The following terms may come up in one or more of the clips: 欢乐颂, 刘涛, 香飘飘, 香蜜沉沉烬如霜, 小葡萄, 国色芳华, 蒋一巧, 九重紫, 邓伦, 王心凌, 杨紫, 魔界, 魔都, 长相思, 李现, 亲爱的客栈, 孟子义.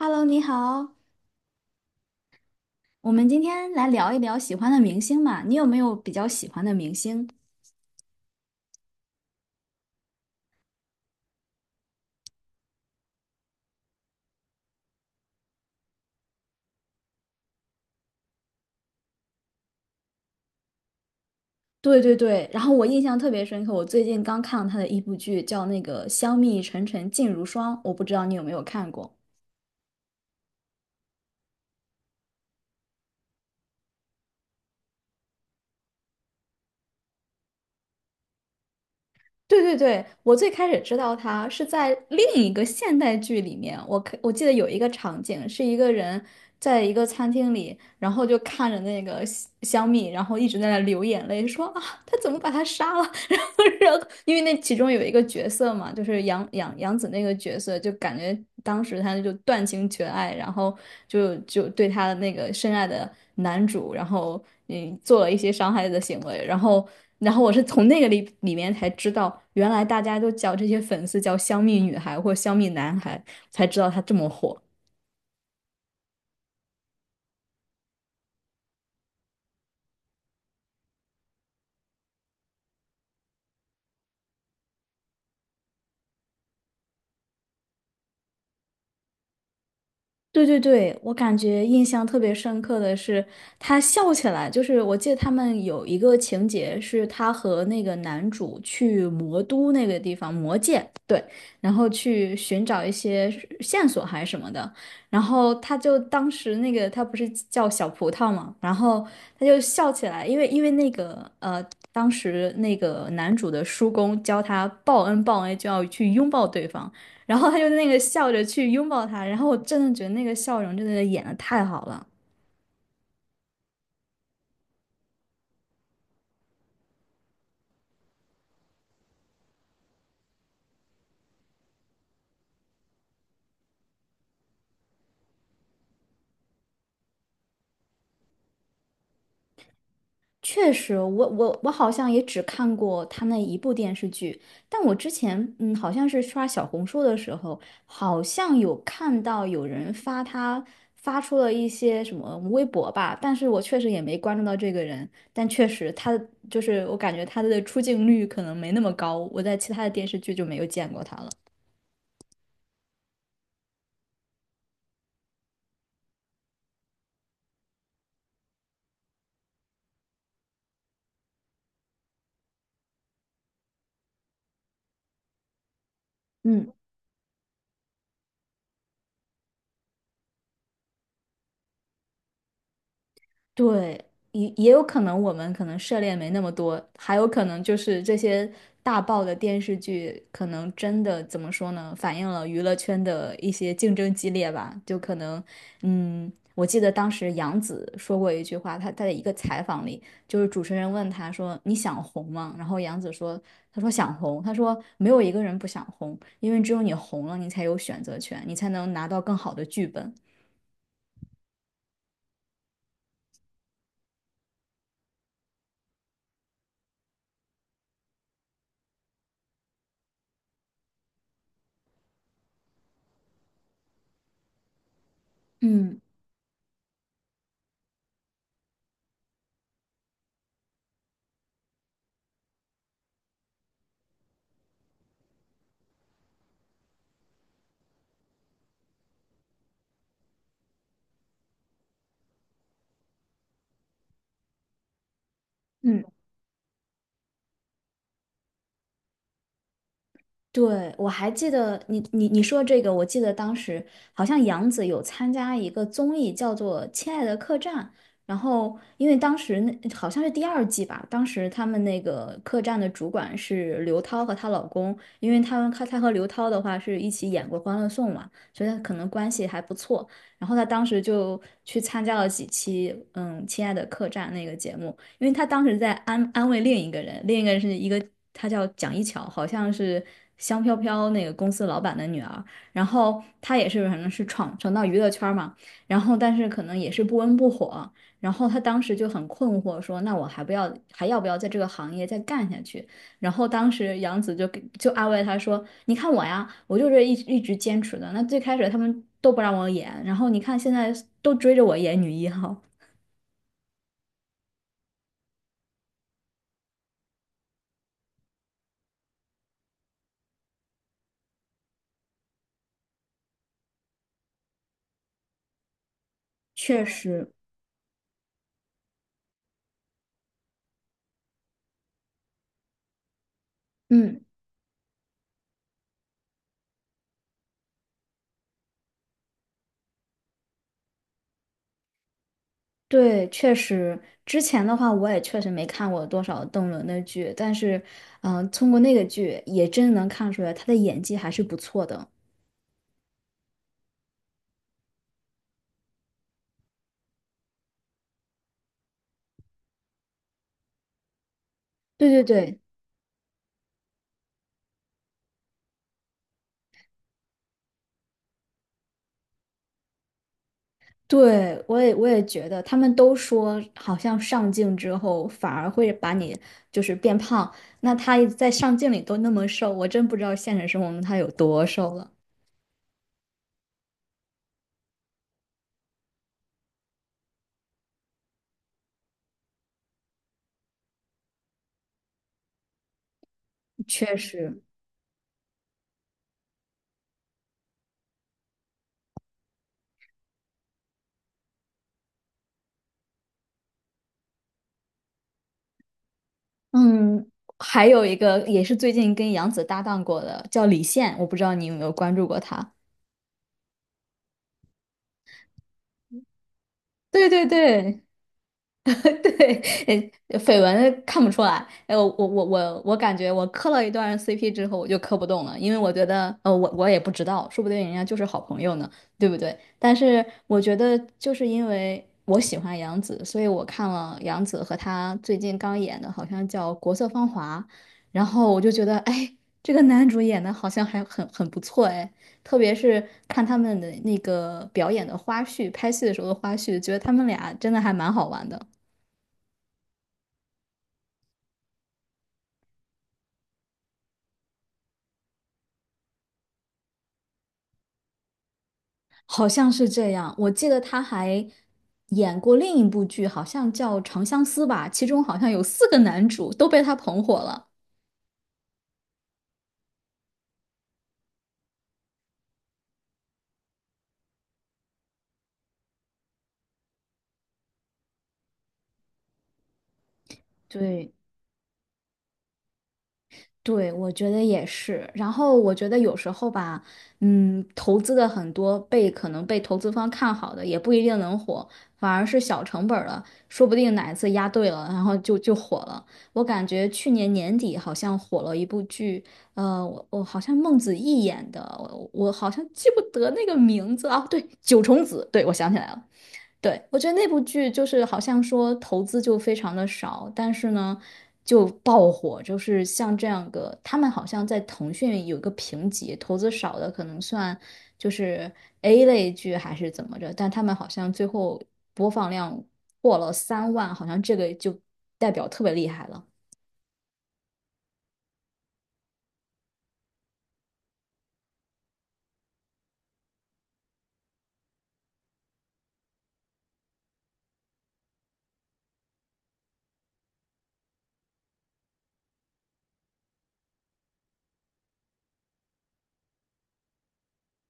Hello，你好，我们今天来聊一聊喜欢的明星嘛，你有没有比较喜欢的明星？对对对，然后我印象特别深刻，我最近刚看了他的一部剧，叫那个《香蜜沉沉烬如霜》，我不知道你有没有看过。对对对，我最开始知道他是在另一个现代剧里面，我记得有一个场景，是一个人在一个餐厅里，然后就看着那个香蜜，然后一直在那流眼泪，说他怎么把他杀了？然后，然后，因为那其中有一个角色嘛，就是杨紫那个角色，就感觉当时他就断情绝爱，然后就对他的那个深爱的男主，然后做了一些伤害的行为，然后，然后我是从那个里面才知道，原来大家都叫这些粉丝叫香蜜女孩或香蜜男孩，才知道他这么火。对对对，我感觉印象特别深刻的是，他笑起来，就是我记得他们有一个情节是他和那个男主去魔都那个地方，魔界，对，然后去寻找一些线索还是什么的，然后他就当时那个他不是叫小葡萄嘛，然后他就笑起来，因为那个当时那个男主的叔公教他报恩就要去拥抱对方，然后他就那个笑着去拥抱他，然后我真的觉得那个笑容真的演的太好了。确实，我好像也只看过他那一部电视剧，但我之前好像是刷小红书的时候，好像有看到有人发他发出了一些什么微博吧，但是我确实也没关注到这个人，但确实他就是我感觉他的出镜率可能没那么高，我在其他的电视剧就没有见过他了。嗯。对，也也有可能我们可能涉猎没那么多，还有可能就是这些大爆的电视剧，可能真的怎么说呢，反映了娱乐圈的一些竞争激烈吧。就可能，嗯，我记得当时杨紫说过一句话，她在一个采访里，就是主持人问她说：“你想红吗？”然后杨紫说：“她说想红，她说没有一个人不想红，因为只有你红了，你才有选择权，你才能拿到更好的剧本。”嗯。嗯。对，我还记得你说这个，我记得当时好像杨紫有参加一个综艺，叫做《亲爱的客栈》。然后，因为当时那好像是第二季吧，当时他们那个客栈的主管是刘涛和她老公，因为他们她和刘涛的话是一起演过《欢乐颂》嘛，所以她可能关系还不错。然后她当时就去参加了几期《亲爱的客栈》那个节目，因为他当时在安慰另一个人，另一个人是一个他叫蒋一巧，好像是香飘飘那个公司老板的女儿。然后她也是反正是闯到娱乐圈嘛，然后但是可能也是不温不火。然后她当时就很困惑，说那我还要不要在这个行业再干下去？然后当时杨紫就安慰他说：“你看我呀，我就是一直坚持的。那最开始他们都不让我演，然后你看现在都追着我演女一号。”确实，嗯。对，确实，之前的话我也确实没看过多少邓伦的剧，但是，通过那个剧也真能看出来他的演技还是不错的。对对对，对，我也觉得，他们都说好像上镜之后反而会把你就是变胖，那他在上镜里都那么瘦，我真不知道现实生活中他有多瘦了。确实，嗯，还有一个也是最近跟杨紫搭档过的，叫李现，我不知道你有没有关注过他。对对对，对，绯闻看不出来。哎，我感觉我磕了一段 CP 之后，我就磕不动了，因为我觉得，我也不知道，说不定人家就是好朋友呢，对不对？但是我觉得，就是因为我喜欢杨紫，所以我看了杨紫和她最近刚演的，好像叫《国色芳华》，然后我就觉得，哎，这个男主演的好像还很不错，哎。特别是看他们的那个表演的花絮，拍戏的时候的花絮，觉得他们俩真的还蛮好玩的。好像是这样。我记得他还演过另一部剧，好像叫《长相思》吧，其中好像有四个男主都被他捧火了。对，对，我觉得也是。然后我觉得有时候吧，嗯，投资的很多被可能被投资方看好的，也不一定能火，反而是小成本儿的，说不定哪一次押对了，然后就火了。我感觉去年年底好像火了一部剧，我我好像孟子义演的，我好像记不得那个名字啊，对，《九重紫》，对，我想起来了。对，我觉得那部剧就是好像说投资就非常的少，但是呢就爆火，就是像这样个，他们好像在腾讯有一个评级，投资少的可能算就是 A 类剧还是怎么着，但他们好像最后播放量破了3万，好像这个就代表特别厉害了。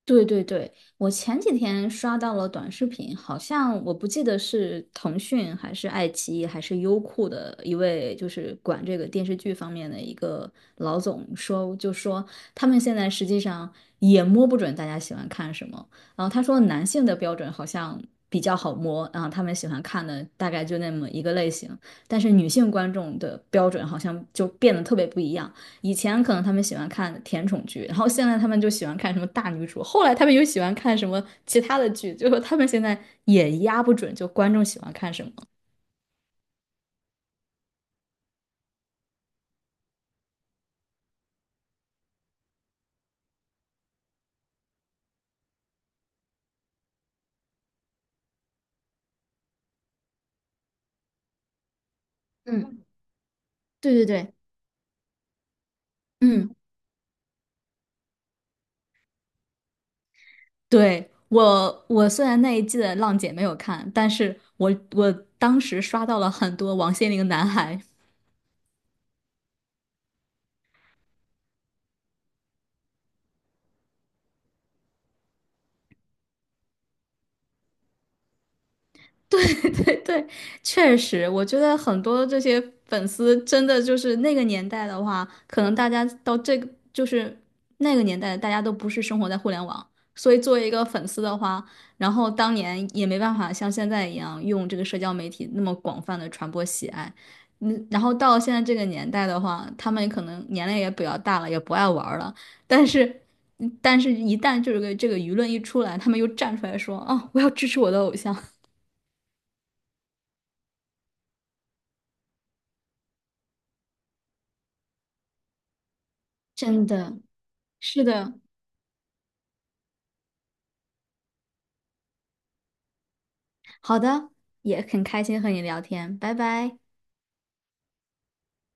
对对对，我前几天刷到了短视频，好像我不记得是腾讯还是爱奇艺还是优酷的一位，就是管这个电视剧方面的一个老总说，就说他们现在实际上也摸不准大家喜欢看什么。然后他说男性的标准好像比较好摸，然后他们喜欢看的大概就那么一个类型，但是女性观众的标准好像就变得特别不一样。以前可能他们喜欢看甜宠剧，然后现在他们就喜欢看什么大女主，后来他们又喜欢看什么其他的剧，就是他们现在也压不准，就观众喜欢看什么。嗯，对对对，嗯，对，我，我虽然那一季的《浪姐》没有看，但是我当时刷到了很多王心凌男孩，对对对，确实，我觉得很多这些粉丝真的就是那个年代的话，可能大家到这个就是那个年代，大家都不是生活在互联网，所以作为一个粉丝的话，然后当年也没办法像现在一样用这个社交媒体那么广泛的传播喜爱，嗯，然后到现在这个年代的话，他们可能年龄也比较大了，也不爱玩儿了，但是。但是，一旦这个舆论一出来，他们又站出来说：“啊，我要支持我的偶像。”真的，是的，好的，也很开心和你聊天，拜拜。